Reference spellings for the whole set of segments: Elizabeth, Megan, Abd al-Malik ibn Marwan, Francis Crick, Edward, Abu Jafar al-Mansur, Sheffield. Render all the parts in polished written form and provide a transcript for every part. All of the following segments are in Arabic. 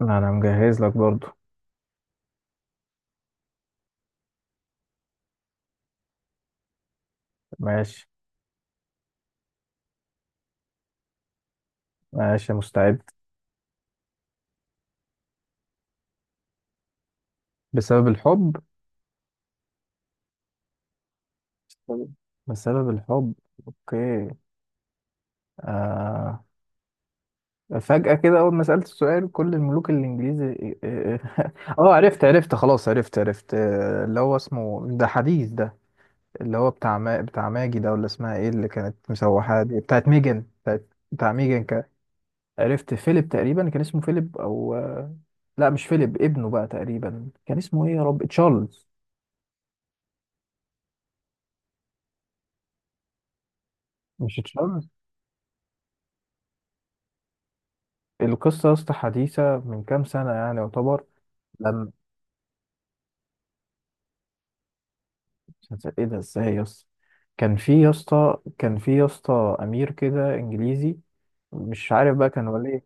لا انا مجهز لك برضو. ماشي. ماشي مستعد. بسبب الحب. طيب. بسبب الحب. اوكي. آه. فجأة كده اول ما سألت السؤال كل الملوك الانجليزي اه. عرفت عرفت خلاص عرفت اللي هو اسمه ده حديث ده. اللي هو بتاع ما... بتاع ماجي ده ولا اسمها ايه اللي كانت مسوحة دي بتاعت ميجن بتاع ميجن ك... عرفت فيليب، تقريبا كان اسمه فيليب او لا مش فيليب، ابنه بقى تقريبا كان اسمه ايه يا رب، تشارلز. مش تشارلز. القصة يا اسطى حديثة من كام سنة يعني يعتبر. لما ايه ده ازاي يا اسطى. كان في يا اسطى أمير كده إنجليزي، مش عارف بقى كان ولا ايه.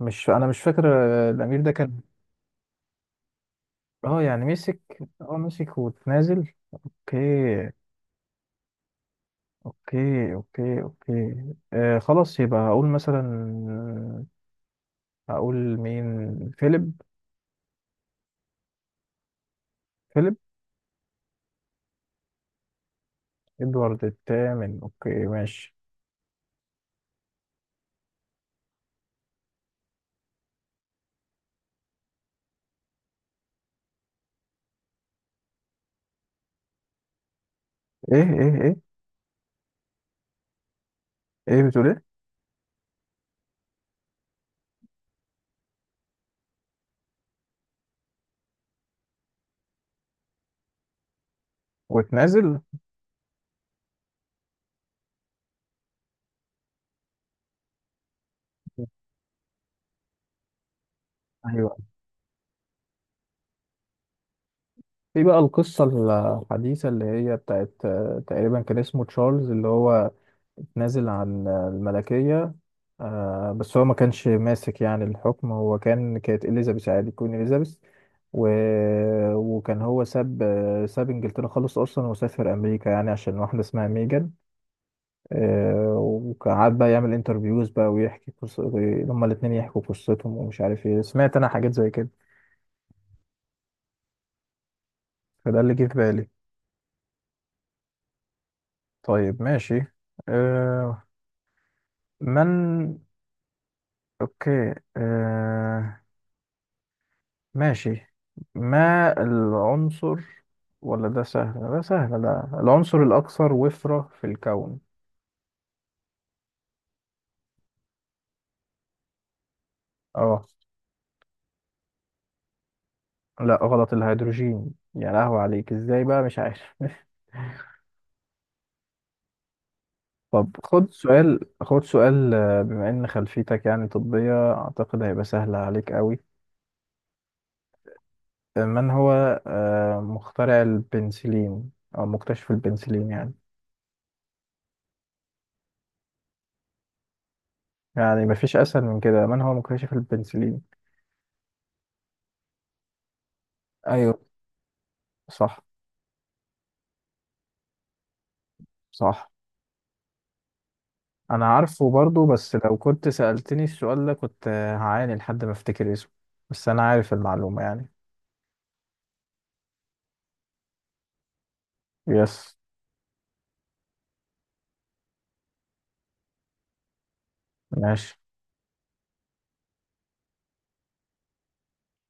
مش فاكر. آه، الأمير ده كان. اه يعني مسك. اه مسك وتنازل. اوكي اوكي اوكي اوكي. آه، خلاص يبقى هقول مثلا. هقول مين. فيليب. فيليب. ادوارد الثامن. اوكي ماشي. ايه ايه ايه. ايه بتقول ايه؟ وتنازل. ايوه. في بقى القصة الحديثة اللي هي بتاعت، تقريبا كان اسمه تشارلز، اللي هو نازل عن الملكية. بس هو ما كانش ماسك يعني الحكم، هو كان كانت إليزابيث عادي، كوين إليزابيث. و... وكان هو ساب، ساب إنجلترا خالص أصلا، وسافر أمريكا يعني عشان واحدة اسمها ميجان. وقعد بقى يعمل انترفيوز بقى ويحكي قصة. هما الاتنين يحكوا قصتهم ومش عارف ايه، سمعت أنا حاجات زي كده. فده اللي جه في بالي. طيب ماشي. آه، من. اوكي ماشي. ما العنصر، ولا ده سهل، ده سهل، ده العنصر الأكثر وفرة في الكون؟ اه، لا غلط، الهيدروجين، يا لهوي عليك، ازاي بقى مش عارف طب خد سؤال، خد سؤال. آه، بما ان خلفيتك يعني طبية، اعتقد هيبقى سهل عليك قوي. آه، من هو، مخترع البنسلين، او مكتشف البنسلين يعني. يعني مفيش اسهل من كده، من هو مكتشف البنسلين؟ ايوه. صح صح. انا عارفه برضو، بس لو كنت سألتني السؤال ده كنت هعاني لحد ما افتكر اسمه، بس انا عارف المعلومة يعني. يس. ماشي.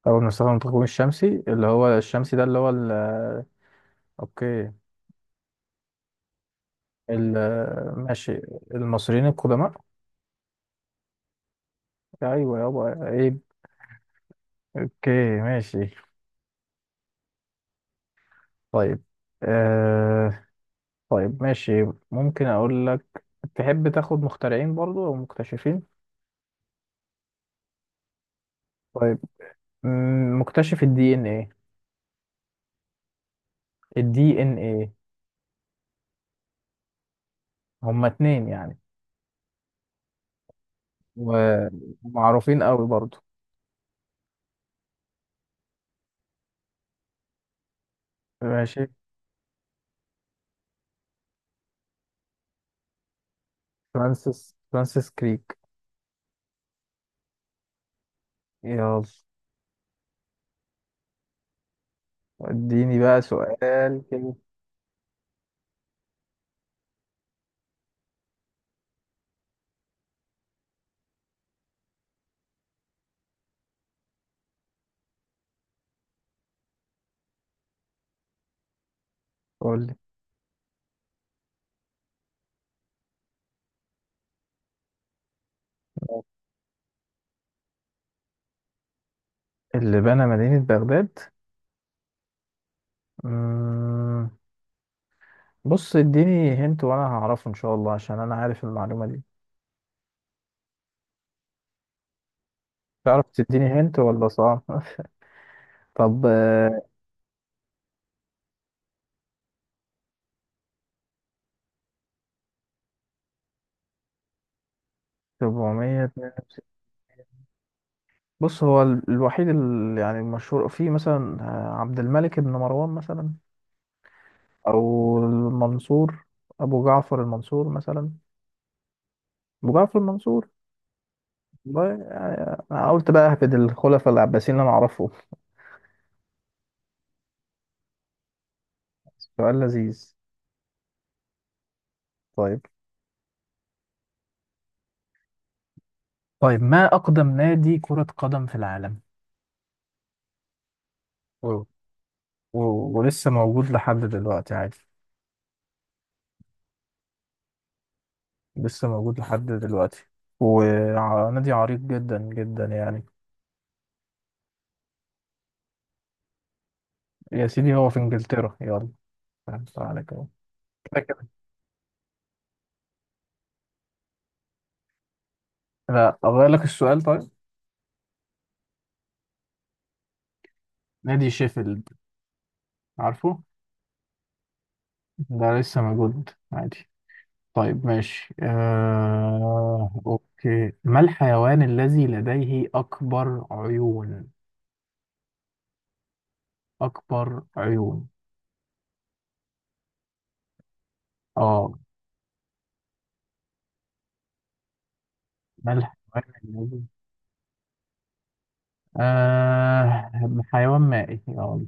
اول مصطفى المتقوم الشمسي، اللي هو الشمسي ده اللي هو ال... اوكي. ال... ماشي. المصريين القدماء. ايوه يابا ايه. اوكي ماشي. طيب آه... طيب ماشي. ممكن اقول لك، تحب تاخد مخترعين برضو او مكتشفين؟ طيب. مم، مكتشف الدي ان ايه. الدي ان ايه. هما اتنين يعني، ومعروفين قوي برضو. ماشي. فرانسيس كريك. يلا، اديني بقى سؤال كده. قول لي اللي بنى مدينة بغداد. مم... بص، اديني هنت وانا هعرفه ان شاء الله، عشان انا عارف المعلومة دي. تعرف تديني هنت ولا صعب؟ طب آه، 462. بص، هو الوحيد اللي يعني المشهور فيه مثلا، آه، عبد الملك بن مروان مثلا، او المنصور، ابو جعفر المنصور مثلا. ابو جعفر المنصور. والله يعني، انا قلت بقى اهبد الخلفاء العباسيين اللي انا اعرفه. سؤال لذيذ. طيب. طيب، ما اقدم نادي كرة قدم في العالم؟ و... و... ولسه موجود لحد دلوقتي عادي، لسه موجود لحد دلوقتي، ونادي عريق جدا جدا يعني. يا سيدي هو في انجلترا، يلا. فهمت عليك اهو. كده كده. لا، اغير لك السؤال طيب. نادي شيفيلد. عارفه؟ ده لسه موجود عادي. طيب ماشي. أوكي، ما الحيوان الذي لديه أكبر عيون؟ أكبر عيون، آه. ما الحيوان الذي، آه... حيوان مائي.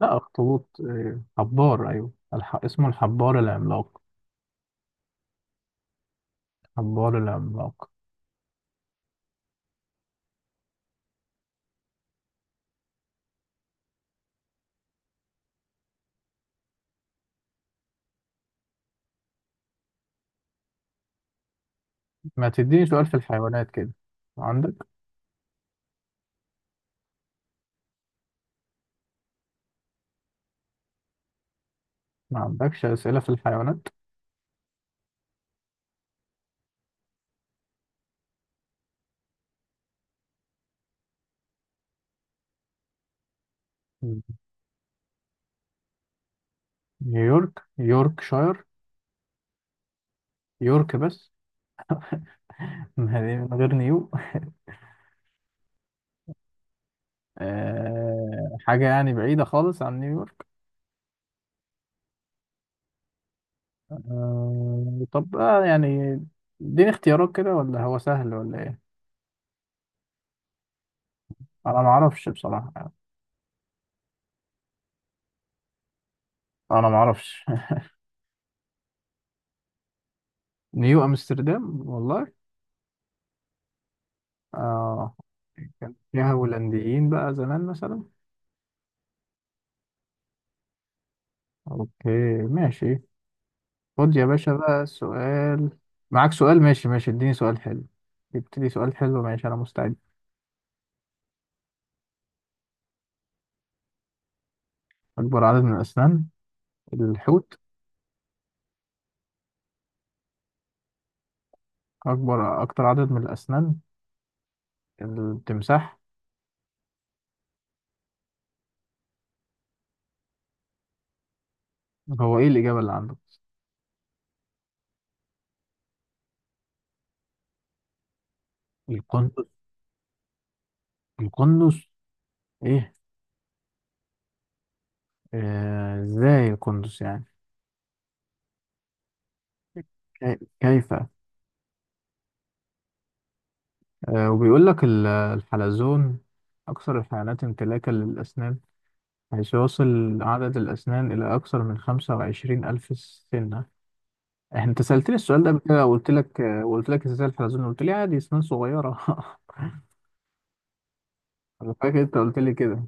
لا أخطبوط، آه، حبار، أيوه، اسمه الحبار العملاق. حبار العملاق. ما تديني سؤال في الحيوانات كده، عندك؟ ما عندكش أسئلة في الحيوانات؟ نيويورك. يوركشاير. يورك بس من غير نيو. آه، حاجة يعني بعيدة خالص عن نيويورك؟ آه، طب، آه، يعني اديني اختيارات كده، ولا هو سهل ولا ايه؟ انا ما اعرفش بصراحة يعني. انا ما اعرفش. نيو امستردام، والله. اه. كان فيها هولنديين بقى زمان مثلا. اوكي ماشي. خد يا باشا بقى سؤال. معاك سؤال؟ ماشي ماشي، اديني سؤال حلو. ابتدي سؤال حلو، ماشي، انا مستعد. اكبر عدد من الاسنان. الحوت. اكبر، اكتر عدد من الاسنان. التمساح. هو ايه الإجابة اللي عنده؟ القندس؟ القندس؟ ايه؟ آه، ازاي القندس يعني؟ كيف؟ آه، وبيقول لك الحلزون أكثر الحيوانات امتلاكا للأسنان، حيث يصل عدد الأسنان إلى أكثر من 25,000 سنة. أنت سألتني السؤال ده قبل كده وقلت لك آه، وقلت لك إزاي الحلزون، قلت لي عادي أسنان صغيرة. أنا فاكر أنت قلت لي كده.